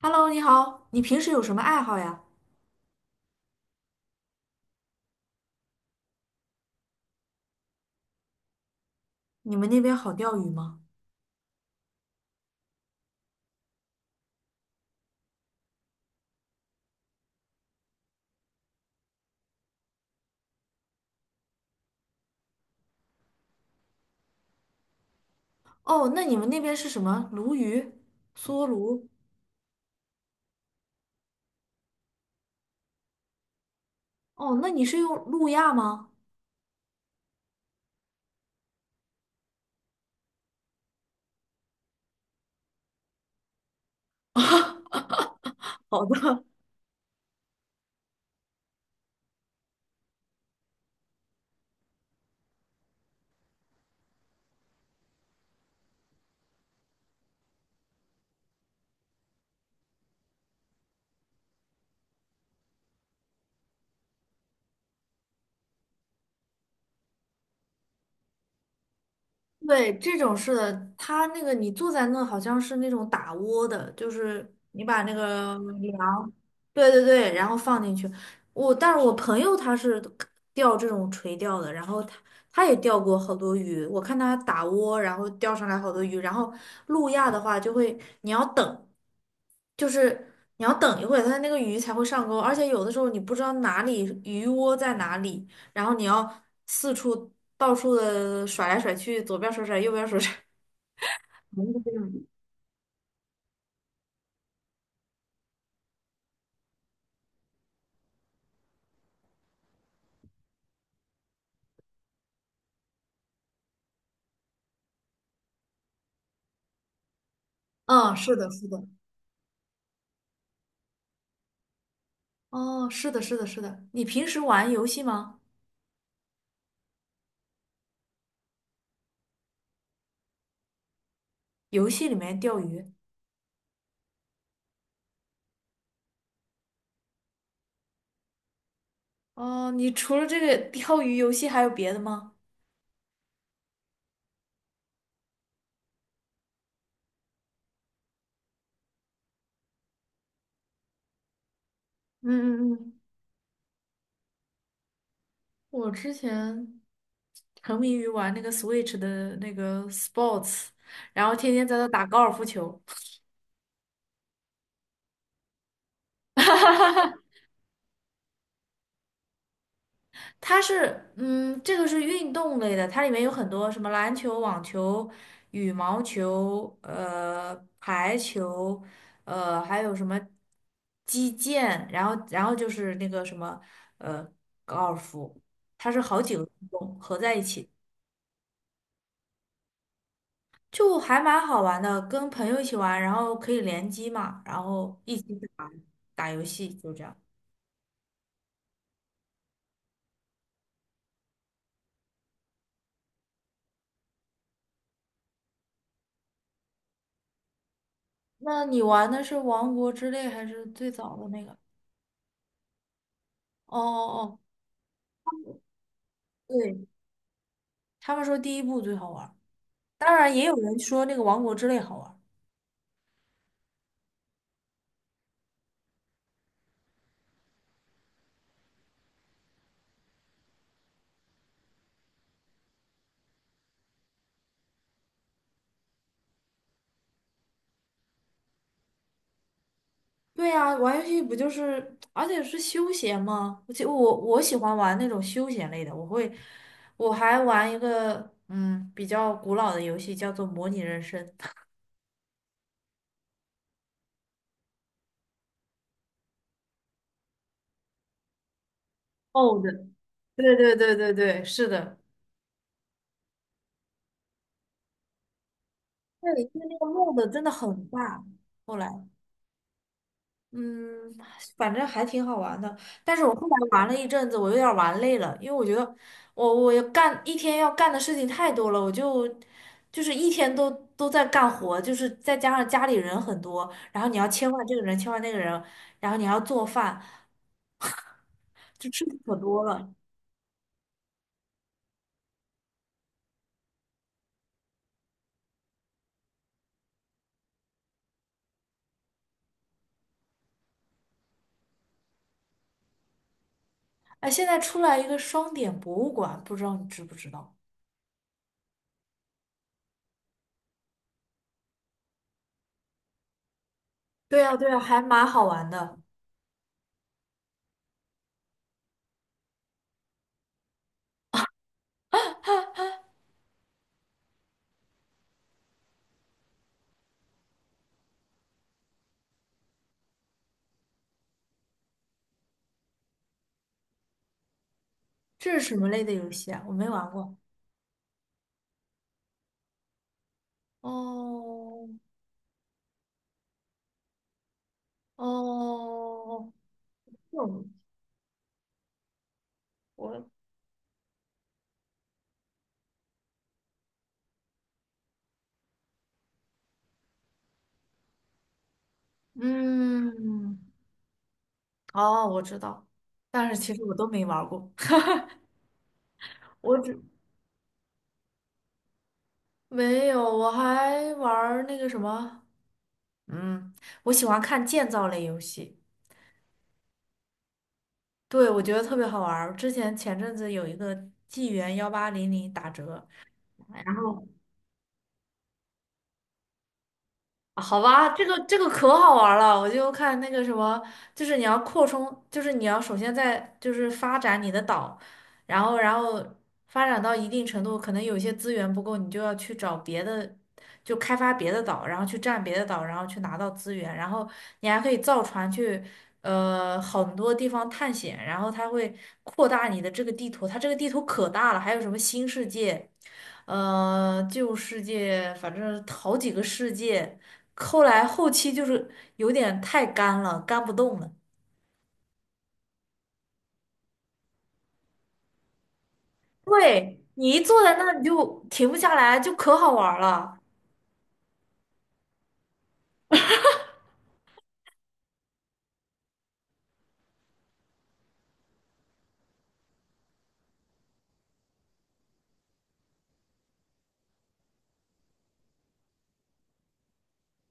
Hello，你好，你平时有什么爱好呀？你们那边好钓鱼吗？哦，那你们那边是什么？鲈鱼、梭鲈？哦，那你是用路亚吗？好的。对，这种是的，它那个你坐在那好像是那种打窝的，就是你把那个粮，对对对，然后放进去。但是我朋友他是钓这种垂钓的，然后他也钓过好多鱼，我看他打窝，然后钓上来好多鱼，然后路亚的话就会你要等。就是你要等一会儿，它那个鱼才会上钩，而且有的时候你不知道哪里鱼窝在哪里，然后你要四处到处的甩来甩去，左边甩甩，右边甩甩。嗯，是的，是的。哦，是的，是的，是的。你平时玩游戏吗？游戏里面钓鱼？哦，你除了这个钓鱼游戏还有别的吗？嗯嗯嗯。我之前沉迷于玩那个 Switch 的那个 Sports，然后天天在那打高尔夫球。它是，嗯，这个是运动类的，它里面有很多什么篮球、网球、羽毛球、排球，还有什么击剑，然后就是那个什么，呃，高尔夫，它是好几个运动合在一起，就还蛮好玩的，跟朋友一起玩，然后可以联机嘛，然后一起打打游戏，就这样。那你玩的是《王国之泪》还是最早的那个？哦哦哦。对。他们说第一部最好玩儿，当然也有人说那个《王国之泪》好玩儿。对呀，玩游戏不就是，而且是休闲嘛。而且我喜欢玩那种休闲类的，我会，我还玩一个嗯比较古老的游戏，叫做模拟人生。哦的，对对对对对，是的。对，因为那个 m o 真的很大，后来。嗯，反正还挺好玩的。但是我后来玩了一阵子，我有点儿玩累了，因为我觉得我要干一天要干的事情太多了，我就就是一天都都在干活，就是再加上家里人很多，然后你要切换这个人，切换那个人，然后你还要做饭，就吃的可多了。哎，现在出来一个双点博物馆，不知道你知不知道？对呀，对呀，还蛮好玩的。这是什么类的游戏啊？我没玩过。哦哦，我嗯，哦，我知道，但是其实我都没玩儿过。我只没有，我还玩儿那个什么，嗯，我喜欢看建造类游戏。对，我觉得特别好玩儿。之前前阵子有一个纪元1800打折，然后啊好吧，这个这个可好玩儿了，我就看那个什么，就是你要扩充，就是你要首先在就是发展你的岛，然后发展到一定程度，可能有些资源不够，你就要去找别的，就开发别的岛，然后去占别的岛，然后去拿到资源，然后你还可以造船去。很多地方探险，然后它会扩大你的这个地图，它这个地图可大了，还有什么新世界，旧世界，反正好几个世界。后来后期就是有点太干了，干不动了。对，你一坐在那儿你就停不下来，就可好玩儿了。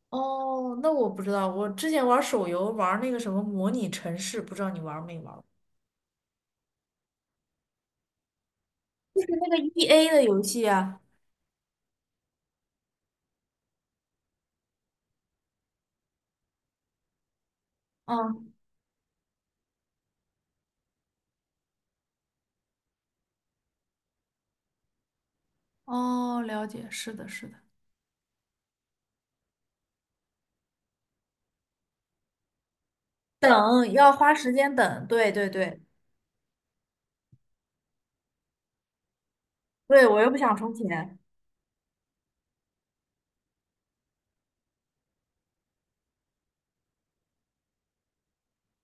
哦，那我不知道，我之前玩手游玩那个什么模拟城市，不知道你玩没玩过？就是那个 EA 的游戏啊。嗯，哦，了解，是的，是的。等要花时间等，对对对。对我又不想充钱。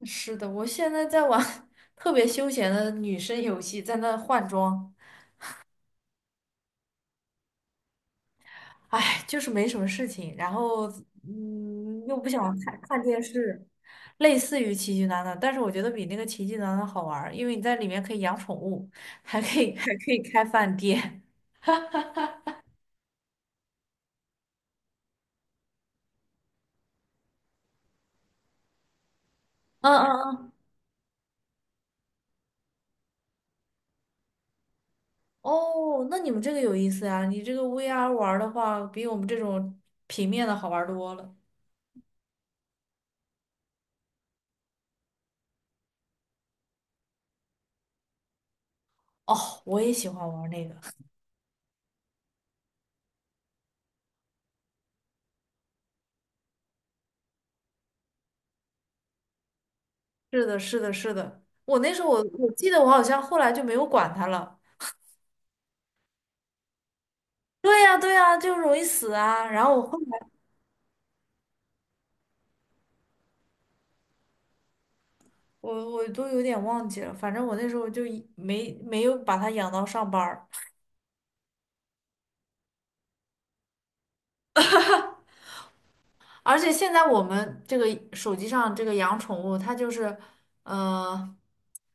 是的，我现在在玩 特别休闲的女生游戏，在那换装。哎，就是没什么事情，然后嗯，又不想看看电视。类似于奇迹暖暖，但是我觉得比那个奇迹暖暖好玩儿，因为你在里面可以养宠物，还可以 还可以开饭店。嗯嗯嗯。哦，那你们这个有意思啊！你这个 VR 玩儿的话，比我们这种平面的好玩儿多了。哦，我也喜欢玩儿那个。是的，是的，是的。我那时候我记得我好像后来就没有管它了。对呀，对呀，就容易死啊。我都有点忘记了，反正我那时候就一没有把它养到上班儿。而且现在我们这个手机上这个养宠物，它就是，呃，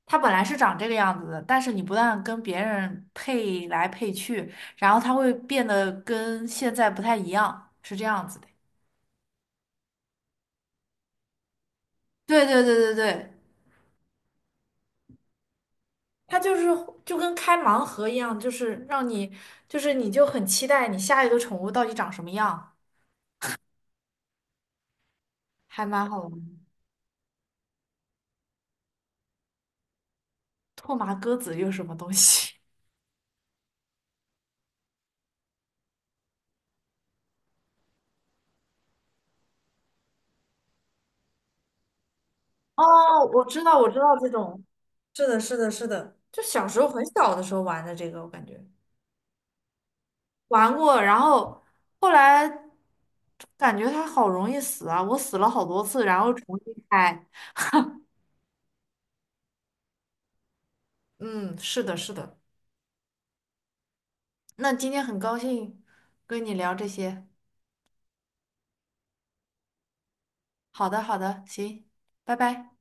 它本来是长这个样子的，但是你不但跟别人配来配去，然后它会变得跟现在不太一样，是这样子的。对对对对对。它就是就跟开盲盒一样，就是让你就是你就很期待你下一个宠物到底长什么样，还蛮好玩的。拓麻鸽子又是什么东西？哦，我知道，我知道这种，是的，是的，是的，就小时候很小的时候玩的这个，我感觉，玩过，然后后来感觉它好容易死啊，我死了好多次，然后重新开。嗯，是的，是的。那今天很高兴跟你聊这些。好的，好的，行，拜拜。